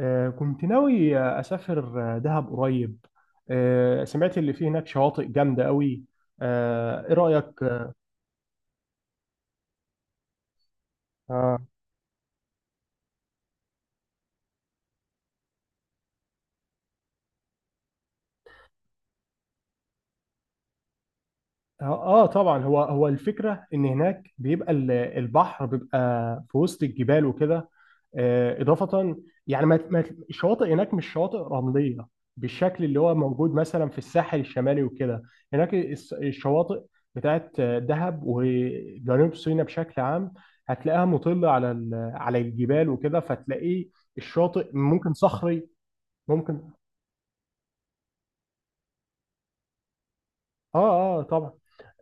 كنت ناوي أسافر دهب قريب. سمعت اللي فيه هناك شواطئ جامدة قوي. إيه رأيك؟ آه طبعا، هو الفكرة إن هناك بيبقى البحر بيبقى في وسط الجبال وكده. إضافة يعني. الشواطئ هناك مش شواطئ رملية بالشكل اللي هو موجود مثلا في الساحل الشمالي وكده. هناك الشواطئ بتاعت دهب وجنوب سيناء بشكل عام، هتلاقيها مطلة على على الجبال وكده، فتلاقيه الشاطئ ممكن صخري، ممكن. اه طبعا.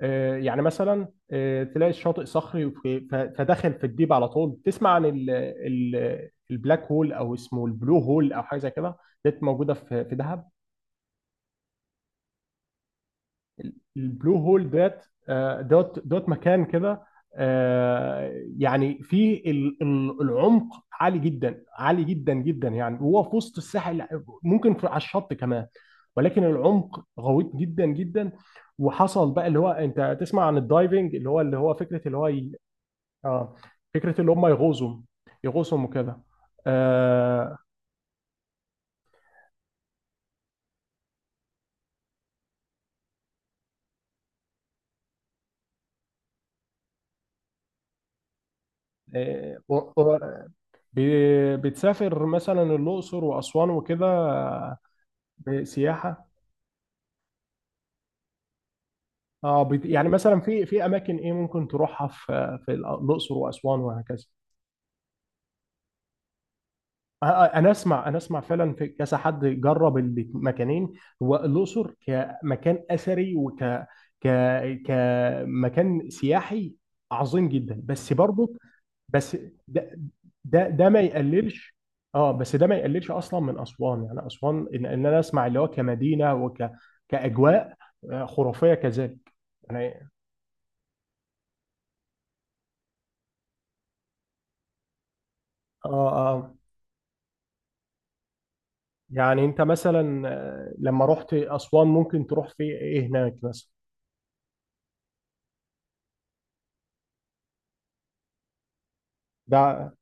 يعني مثلا تلاقي الشاطئ صخري فداخل في الديب، على طول تسمع عن ال ال البلاك هول او اسمه البلو هول او حاجه زي كده. ديت موجوده في دهب. البلو هول ديت دوت مكان كده. يعني فيه العمق عالي جدا، عالي جدا جدا، يعني هو في وسط الساحل، ممكن في على الشط كمان، ولكن العمق غويط جدا جدا. وحصل بقى اللي هو انت تسمع عن الدايفنج، اللي هو فكره اللي هو اه، فكره اللي هم يغوصوا، يغوصوا وكده. آه آه. بتسافر مثلا الاقصر واسوان وكده. سياحه. يعني مثلا في اماكن ايه ممكن تروحها في الاقصر واسوان وهكذا. انا اسمع، فعلا في كذا حد جرب المكانين. هو الاقصر كمكان اثري وك ك كمكان سياحي عظيم جدا، بس برضه، بس ده ده ما يقللش. اه، بس ده ما يقللش اصلا من اسوان، يعني اسوان، ان إن انا اسمع اللي هو كمدينه كاجواء خرافيه كذلك يعني. اه اه يعني انت مثلا لما رحت اسوان ممكن تروح في ايه هناك مثلا؟ ده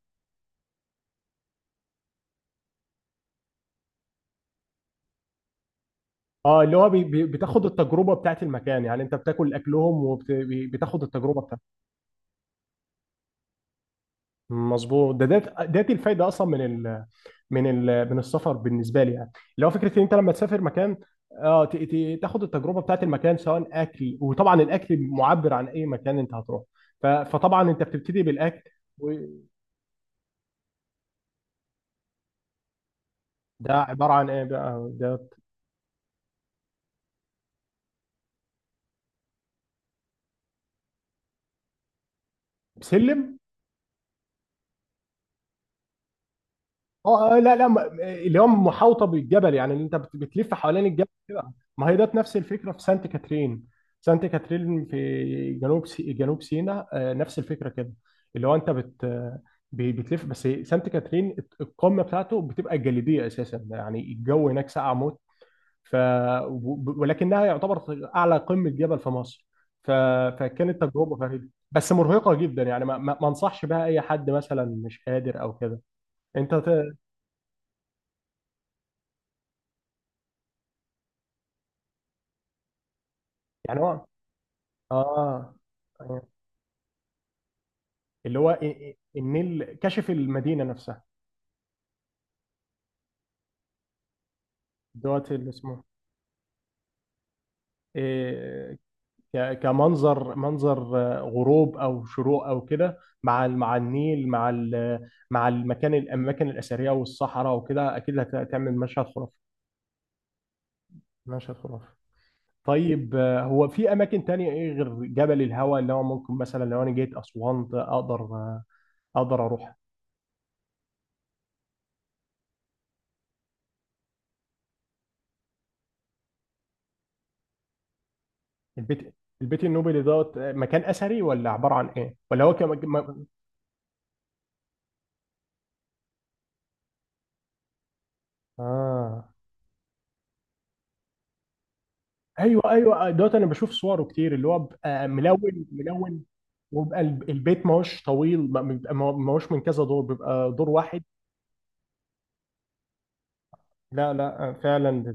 اه، اللي هو بي بي بتاخد التجربه بتاعت المكان، يعني انت بتاكل اكلهم وبتاخد التجربه بتاعت. مظبوط، ده الفايده اصلا من السفر بالنسبه لي، يعني اللي هو فكره ان انت لما تسافر مكان. اه تاخد التجربه بتاعت المكان سواء اكل، وطبعا الاكل معبر عن اي مكان انت هتروح. فطبعا انت بتبتدي بالاكل. وده عباره عن ايه بقى ده؟ سلم، اه لا، لا، اللي هو محاوطه بالجبل، يعني اللي انت بتلف حوالين الجبل كده، ما هي ده نفس الفكره في سانت كاترين. سانت كاترين في جنوب سيناء نفس الفكره كده، اللي هو انت بتلف، بس سانت كاترين القمه بتاعته بتبقى جليديه اساسا، يعني الجو هناك ساقع موت. ف... ولكنها يعتبر اعلى قمه جبل في مصر. ف... فكانت تجربه فريده بس مرهقه جدا، يعني ما انصحش بها اي حد مثلا مش قادر او كده. انت ت... يعني هو اه تمام. اللي هو النيل كشف المدينة نفسها. دوت اللي اسمه إيه، كمنظر، منظر غروب او شروق او كده، مع مع النيل، مع مع المكان، الاماكن الاثريه والصحراء وكده، اكيد هتعمل مشهد خرافي. مشهد خرافي. طيب هو في اماكن تانية ايه غير جبل الهوى اللي هو ممكن مثلا لو انا جيت اسوان اقدر اقدر اروح؟ البيت البيت النوبي اللي دوت مكان اثري، ولا عباره عن ايه ولا هو؟ اه ايوه، ايوه، دوت انا بشوف صوره كتير اللي هو بقى ملون ملون. وبقى البيت ما هوش طويل، ما هوش من كذا دور، بيبقى دور واحد. لا، لا، فعلا،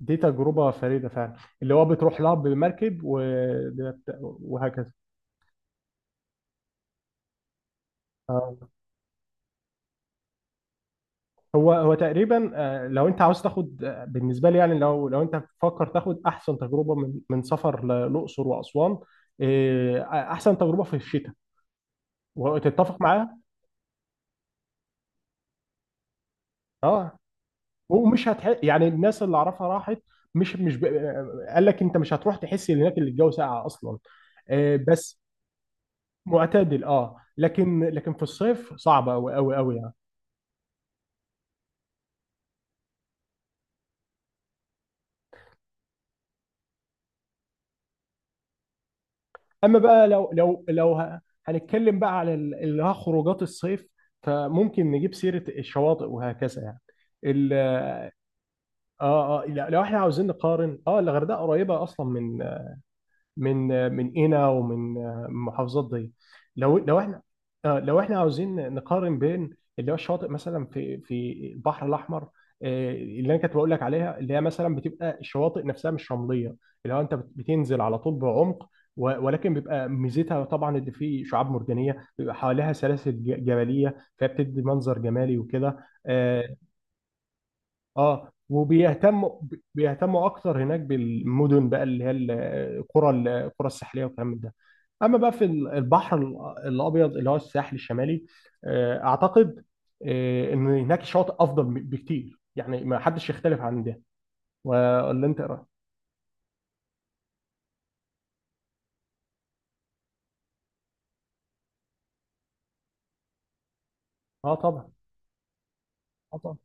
دي تجربة فريدة فعلا، اللي هو بتروح لها بمركب وهكذا. آه. هو تقريبا لو انت عاوز تاخد، بالنسبة لي، يعني لو انت بتفكر تاخد احسن تجربة من سفر للأقصر وأسوان. احسن تجربة في الشتاء، وتتفق معايا. اه يعني الناس اللي اعرفها راحت. مش مش ب... قال لك انت مش هتروح تحس ان هناك اللي الجو ساقع اصلا. بس معتدل، اه لكن في الصيف صعبه قوي قوي قوي يعني. اما بقى هنتكلم بقى على اللي هو خروجات الصيف، فممكن نجيب سيره الشواطئ وهكذا يعني. ال... اه اه لا- لو احنا عاوزين نقارن، اه الغردقه قريبه اصلا من قنا، ومن آه، من محافظات دي. لو لو احنا لو احنا عاوزين نقارن بين اللي هو الشواطئ مثلا في البحر الاحمر، اللي انا كنت بقول لك عليها، اللي هي مثلا بتبقى الشواطئ نفسها مش رمليه، اللي هو انت بتنزل على طول بعمق، ولكن بيبقى ميزتها طبعا ان في شعاب مرجانيه بيبقى حواليها سلاسل جبليه، فبتدي منظر جمالي وكده. آه، اه وبيهتموا، اكتر هناك بالمدن بقى، اللي هي القرى، الساحليه والكلام من ده. اما بقى في البحر الابيض اللي هو الساحل الشمالي، اعتقد ان هناك شاطئ افضل بكتير، يعني ما حدش يختلف عن ده، ولا انت إيه رأيك؟ اه طبعا، اه طبعا،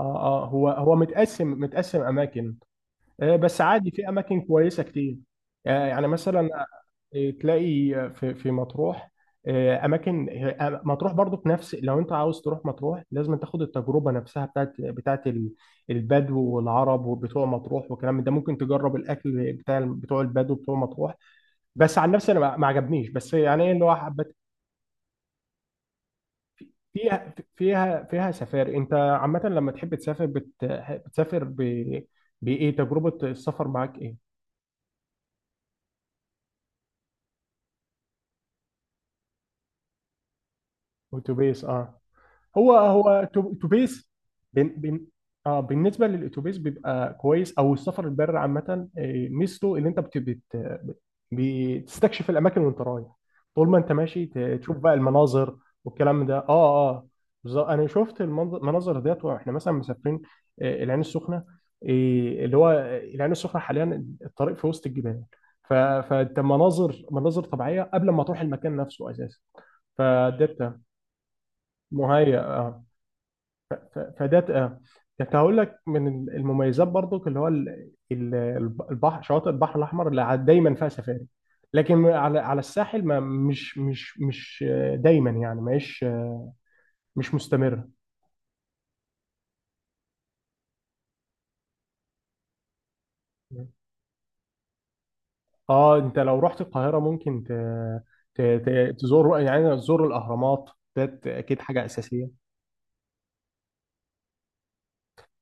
اه اه هو متقسم، اماكن. بس عادي في اماكن كويسه كتير. يعني مثلا تلاقي في مطروح اماكن مطروح برضو في نفس، لو انت عاوز تروح مطروح لازم تاخد التجربه نفسها بتاعت، البدو والعرب وبتوع مطروح والكلام من ده، ممكن تجرب الاكل بتاع بتوع البدو بتوع مطروح. بس عن نفسي انا ما عجبنيش، بس يعني ايه اللي هو حبت فيها سفاري. انت عامه لما تحب تسافر بتسافر ب... بايه، تجربه السفر معاك ايه؟ اتوبيس، اه. اتوبيس. بن بن اه بالنسبه للاتوبيس بيبقى كويس، او السفر البر عامه، ميزته اللي انت بت بت بتستكشف الاماكن وانت رايح. طول ما انت ماشي تشوف بقى المناظر والكلام ده. اه بالظبط، انا شفت المناظر ديت واحنا مثلا مسافرين العين السخنه. اللي هو العين السخنه حاليا الطريق في وسط الجبال. فانت مناظر، مناظر طبيعيه قبل ما تروح المكان نفسه اساسا، فديت مهيأ. فده كنت هقول لك من المميزات برضو، اللي هو البحر، شواطئ البحر الاحمر اللي دايما فيها سفاري. لكن على الساحل، ما مش دايما يعني، مش مستمره. اه انت لو رحت القاهره ممكن تزور، يعني تزور الاهرامات، ده اكيد حاجه اساسيه.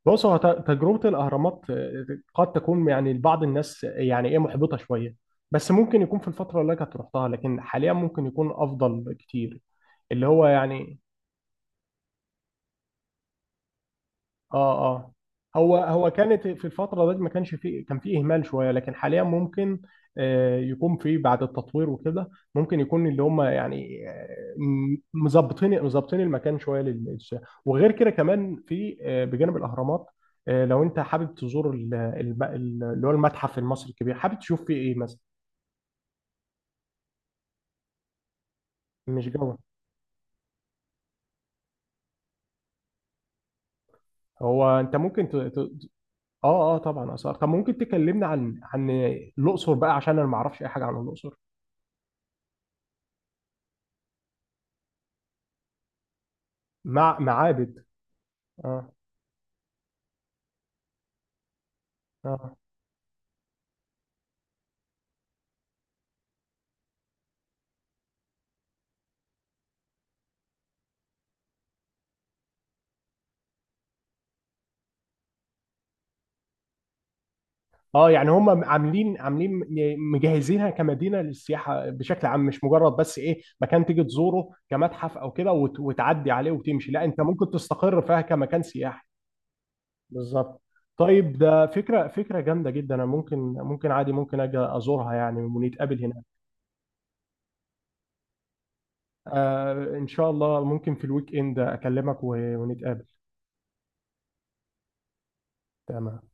بص هو تجربة الأهرامات قد تكون يعني لبعض الناس يعني إيه محبطة شوية. بس ممكن يكون في الفترة اللي كانت رحتها، لكن حاليا ممكن يكون أفضل كتير اللي هو يعني. اه اه هو كانت في الفترة دي ما كانش فيه، كان فيه إهمال شوية، لكن حاليا ممكن يكون فيه بعد التطوير وكده، ممكن يكون اللي هم يعني م- مظبطين، المكان شوية للسياحة. وغير كده كمان في بجانب الأهرامات لو أنت حابب تزور اللي هو المتحف المصري الكبير، حابب تشوف فيه إيه مثلا؟ مش جو. هو أنت ممكن ت... ت... اه، اه، طبعا آثار. طب ممكن تكلمنا عن الأقصر بقى عشان أنا ما أعرفش أي حاجة عن الأقصر؟ معابد. اه اه اه يعني هم عاملين، مجهزينها كمدينه للسياحه بشكل عام، مش مجرد بس ايه مكان تيجي تزوره كمتحف او كده وتعدي عليه وتمشي، لا، انت ممكن تستقر فيها كمكان سياحي. بالظبط. طيب ده فكره، جامده جدا، انا ممكن، عادي ممكن اجي ازورها يعني، ونتقابل هنا. آه ان شاء الله، ممكن في الويك اند اكلمك ونتقابل. تمام.